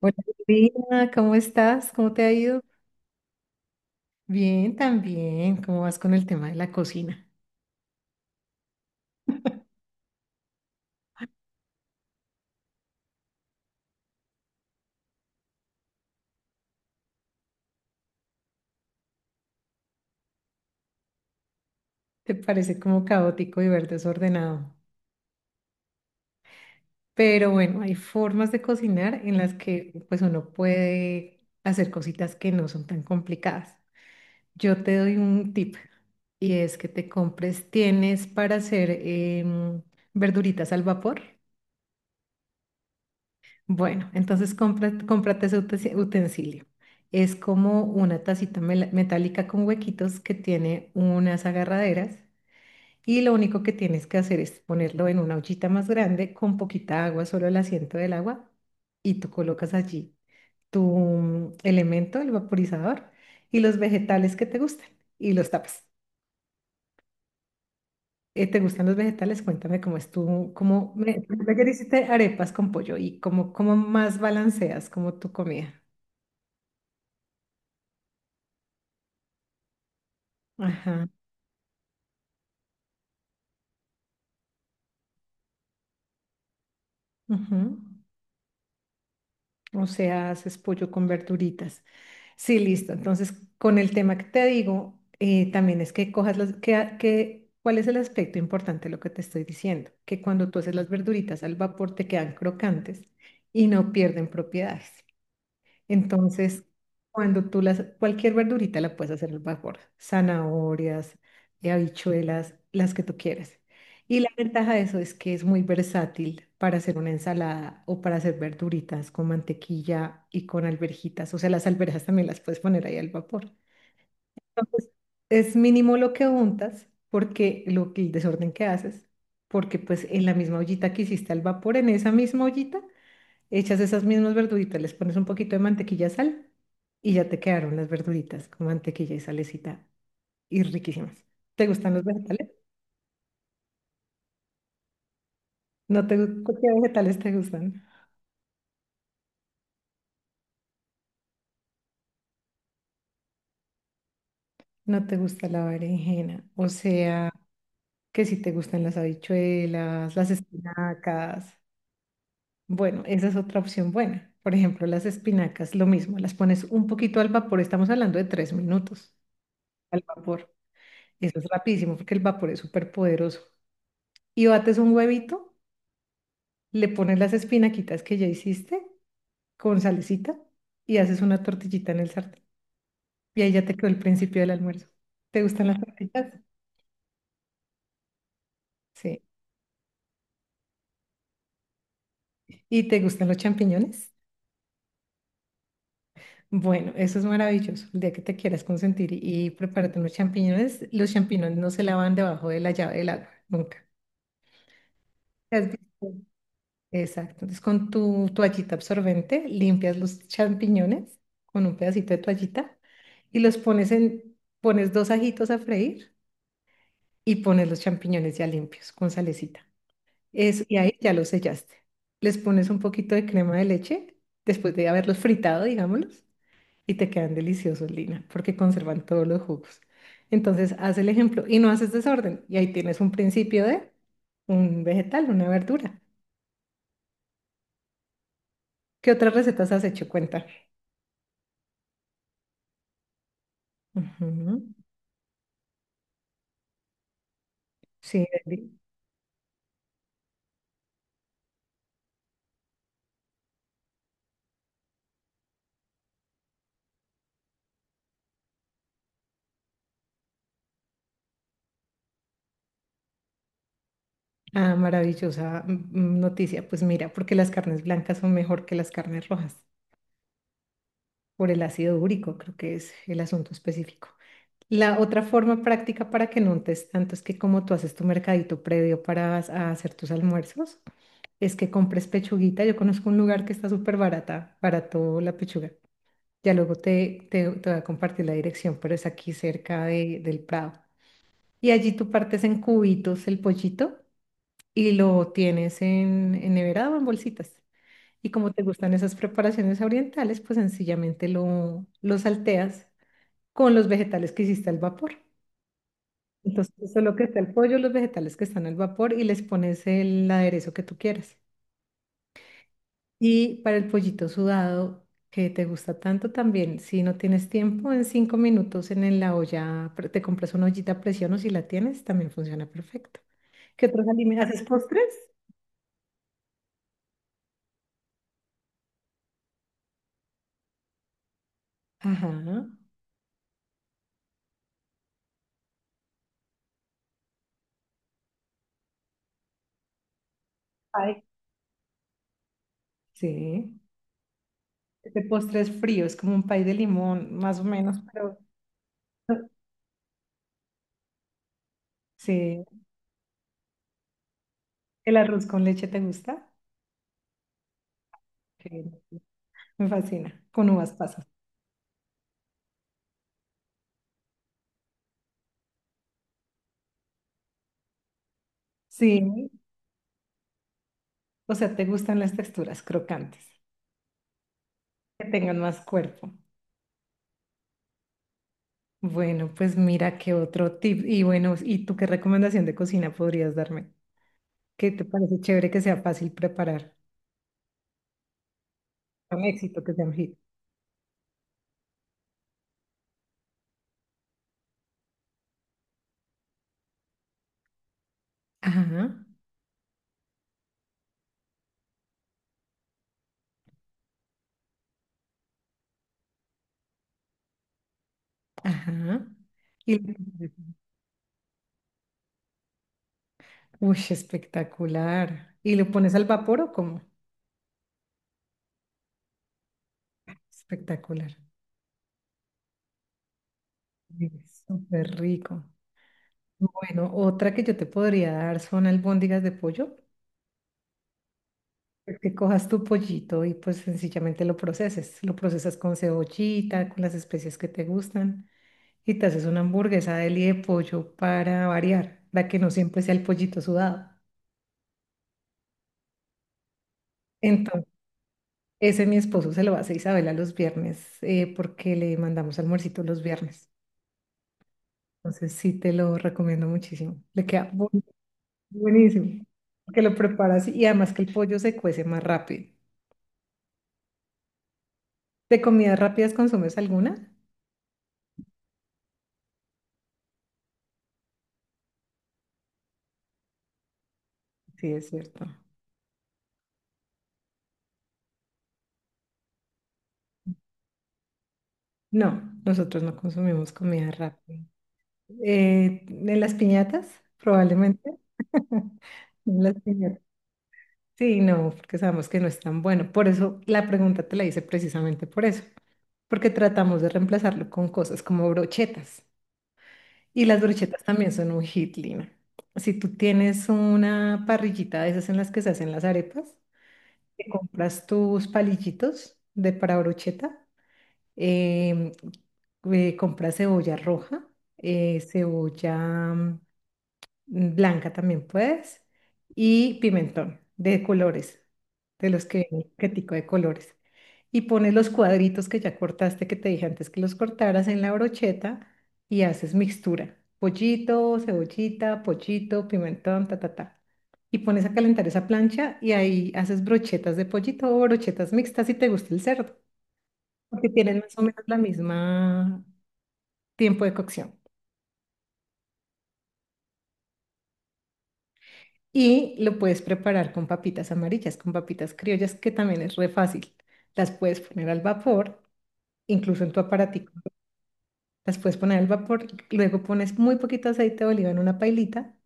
Buenos días, ¿cómo estás? ¿Cómo te ha ido? Bien, también. ¿Cómo vas con el tema de la cocina? Te parece como caótico y ver desordenado. Pero bueno, hay formas de cocinar en las que pues uno puede hacer cositas que no son tan complicadas. Yo te doy un tip y es que te compres, tienes para hacer verduritas al vapor. Bueno, entonces cómprate ese utensilio. Es como una tacita metálica con huequitos que tiene unas agarraderas y lo único que tienes que hacer es ponerlo en una ollita más grande con poquita agua, solo el asiento del agua, y tú colocas allí tu elemento, el vaporizador, y los vegetales que te gustan y los tapas. ¿Te gustan los vegetales? Cuéntame cómo es tú, cómo me, ayer hiciste arepas con pollo y cómo, cómo más balanceas como tu comida. Ajá, ujú. O sea, haces pollo con verduritas. Sí, listo. Entonces, con el tema que te digo, también es que cojas las, que, a- que, ¿cuál es el aspecto importante de lo que te estoy diciendo? Que cuando tú haces las verduritas al vapor te quedan crocantes y no pierden propiedades. Entonces, cuando tú las, cualquier verdurita la puedes hacer al vapor, zanahorias, habichuelas, las que tú quieras. Y la ventaja de eso es que es muy versátil para hacer una ensalada o para hacer verduritas con mantequilla y con alverjitas. O sea, las alverjas también las puedes poner ahí al vapor. Entonces, es mínimo lo que untas, porque el desorden que haces, porque pues en la misma ollita que hiciste al vapor, en esa misma ollita, echas esas mismas verduritas, les pones un poquito de mantequilla, sal y ya te quedaron las verduritas con mantequilla y salecita y riquísimas. ¿Te gustan los vegetales? No te, ¿qué vegetales te gustan? No te gusta la berenjena, o sea, que si te gustan las habichuelas, las espinacas. Bueno, esa es otra opción buena. Por ejemplo, las espinacas, lo mismo, las pones un poquito al vapor, estamos hablando de 3 minutos al vapor. Eso es rapidísimo porque el vapor es súper poderoso. Y bates un huevito, le pones las espinaquitas que ya hiciste con salecita y haces una tortillita en el sartén. Y ahí ya te quedó el principio del almuerzo. ¿Te gustan las tortillas? Sí. ¿Y te gustan los champiñones? Bueno, eso es maravilloso. El día que te quieras consentir y prepárate unos champiñones, los champiñones no se lavan debajo de la llave del agua, nunca. ¿Has visto? Exacto. Entonces, con tu toallita absorbente, limpias los champiñones con un pedacito de toallita y los pones en, pones dos ajitos a freír y pones los champiñones ya limpios con salecita. Eso, y ahí ya los sellaste. Les pones un poquito de crema de leche después de haberlos fritado, digámoslos, y te quedan deliciosos, Lina, porque conservan todos los jugos. Entonces, haz el ejemplo y no haces desorden. Y ahí tienes un principio de un vegetal, una verdura. ¿Qué otras recetas has hecho? Cuenta. Ujú. Sí, Andy. Ah, maravillosa noticia. Pues mira, porque las carnes blancas son mejor que las carnes rojas, por el ácido úrico, creo que es el asunto específico. La otra forma práctica para que no untes tanto es que como tú haces tu mercadito previo para a hacer tus almuerzos, es que compres pechuguita. Yo conozco un lugar que está súper barata, barato la pechuga. Ya luego te voy a compartir la dirección, pero es aquí cerca del Prado. Y allí tú partes en cubitos el pollito y lo tienes en nevera o en bolsitas. Y como te gustan esas preparaciones orientales, pues sencillamente lo salteas con los vegetales que hiciste al vapor. Entonces, eso es lo que está el pollo, los vegetales que están al vapor y les pones el aderezo que tú quieras. Y para el pollito sudado, que te gusta tanto también, si no tienes tiempo, en 5 minutos en la olla, te compras una ollita a presión o si la tienes, también funciona perfecto. ¿Qué otros alimentos? ¿Haces postres? Ajá. Ay. Sí. Este postre es frío, es como un pay de limón, más o menos, pero sí. ¿El arroz con leche te gusta? Me fascina. Con uvas pasas. Sí. O sea, te gustan las texturas crocantes, que tengan más cuerpo. Bueno, pues mira qué otro tip. Y bueno, ¿y tú qué recomendación de cocina podrías darme? ¿Qué te parece chévere que sea fácil preparar? Un éxito que sea un hit. Ajá, ajá. Y le- Uy, espectacular. ¿Y lo pones al vapor o cómo? Espectacular. Uy, súper rico. Bueno, otra que yo te podría dar son albóndigas de pollo. Que cojas tu pollito y pues sencillamente lo proceses. Lo procesas con cebollita, con las especias que te gustan y te haces una hamburguesa de li de pollo para variar, para que no siempre sea el pollito sudado. Entonces, ese mi esposo se lo hace a Isabela los viernes porque le mandamos almuercito los viernes. Entonces sí te lo recomiendo muchísimo. Le queda buenísimo. Que lo preparas y además que el pollo se cuece más rápido. ¿De comidas rápidas consumes alguna? Sí, es cierto. No, nosotros no consumimos comida rápida. ¿En las piñatas? Probablemente. En las piñatas. Sí, no, porque sabemos que no es tan bueno. Por eso la pregunta te la hice precisamente por eso. Porque tratamos de reemplazarlo con cosas como brochetas. Y las brochetas también son un hit, Lina. Si tú tienes una parrillita de esas en las que se hacen las arepas, te compras tus palillitos de para brocheta em, compra cebolla roja, cebolla blanca también puedes, y pimentón de colores, de los que vienen en el paquetico de colores. Y pones los cuadritos que ya cortaste, que te dije antes que los cortaras en la brocheta y haces mixtura. Pollito, cebollita, pollito, pimentón, ta, ta, ta. Y pones a calentar esa plancha y ahí haces brochetas de pollito o brochetas mixtas si te gusta el cerdo porque tienen más o menos la misma tiempo de cocción. Y lo puedes preparar con papitas amarillas, con papitas criollas, que también es re fácil. Las puedes poner al vapor, incluso en tu aparatico. Las puedes poner al vapor, luego pones muy poquito aceite de oliva en una pailita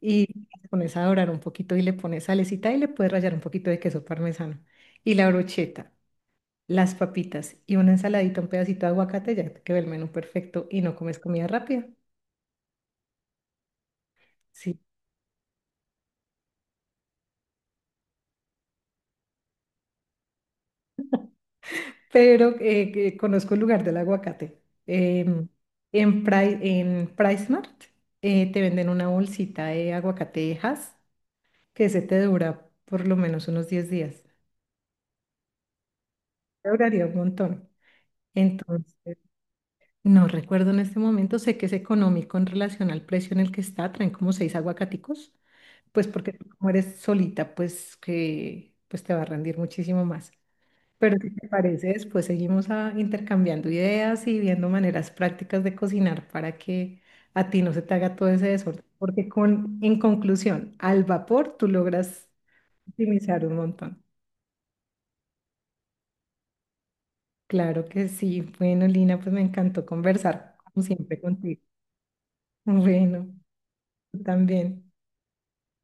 y las pones a dorar un poquito y le pones salecita y le puedes rallar un poquito de queso parmesano. Y la brocheta, las papitas y una ensaladita, un pedacito de aguacate, ya te quedó el menú perfecto y no comes comida rápida. Sí. Pero que conozco el lugar del aguacate. Em, en PriceMart te venden una bolsita de aguacate aguacatejas que se te dura por lo menos unos 10 días. Te duraría un montón. Entonces, no recuerdo en este momento, sé que es económico en relación al precio en el que está, traen como seis aguacaticos, pues porque tú como eres solita, pues que pues te va a rendir muchísimo más. Pero si te parece, después seguimos intercambiando ideas y viendo maneras prácticas de cocinar para que a ti no se te haga todo ese desorden. Porque con, en conclusión, al vapor tú logras optimizar un montón. Claro que sí. Bueno, Lina, pues me encantó conversar, como siempre, contigo. Bueno, tú también.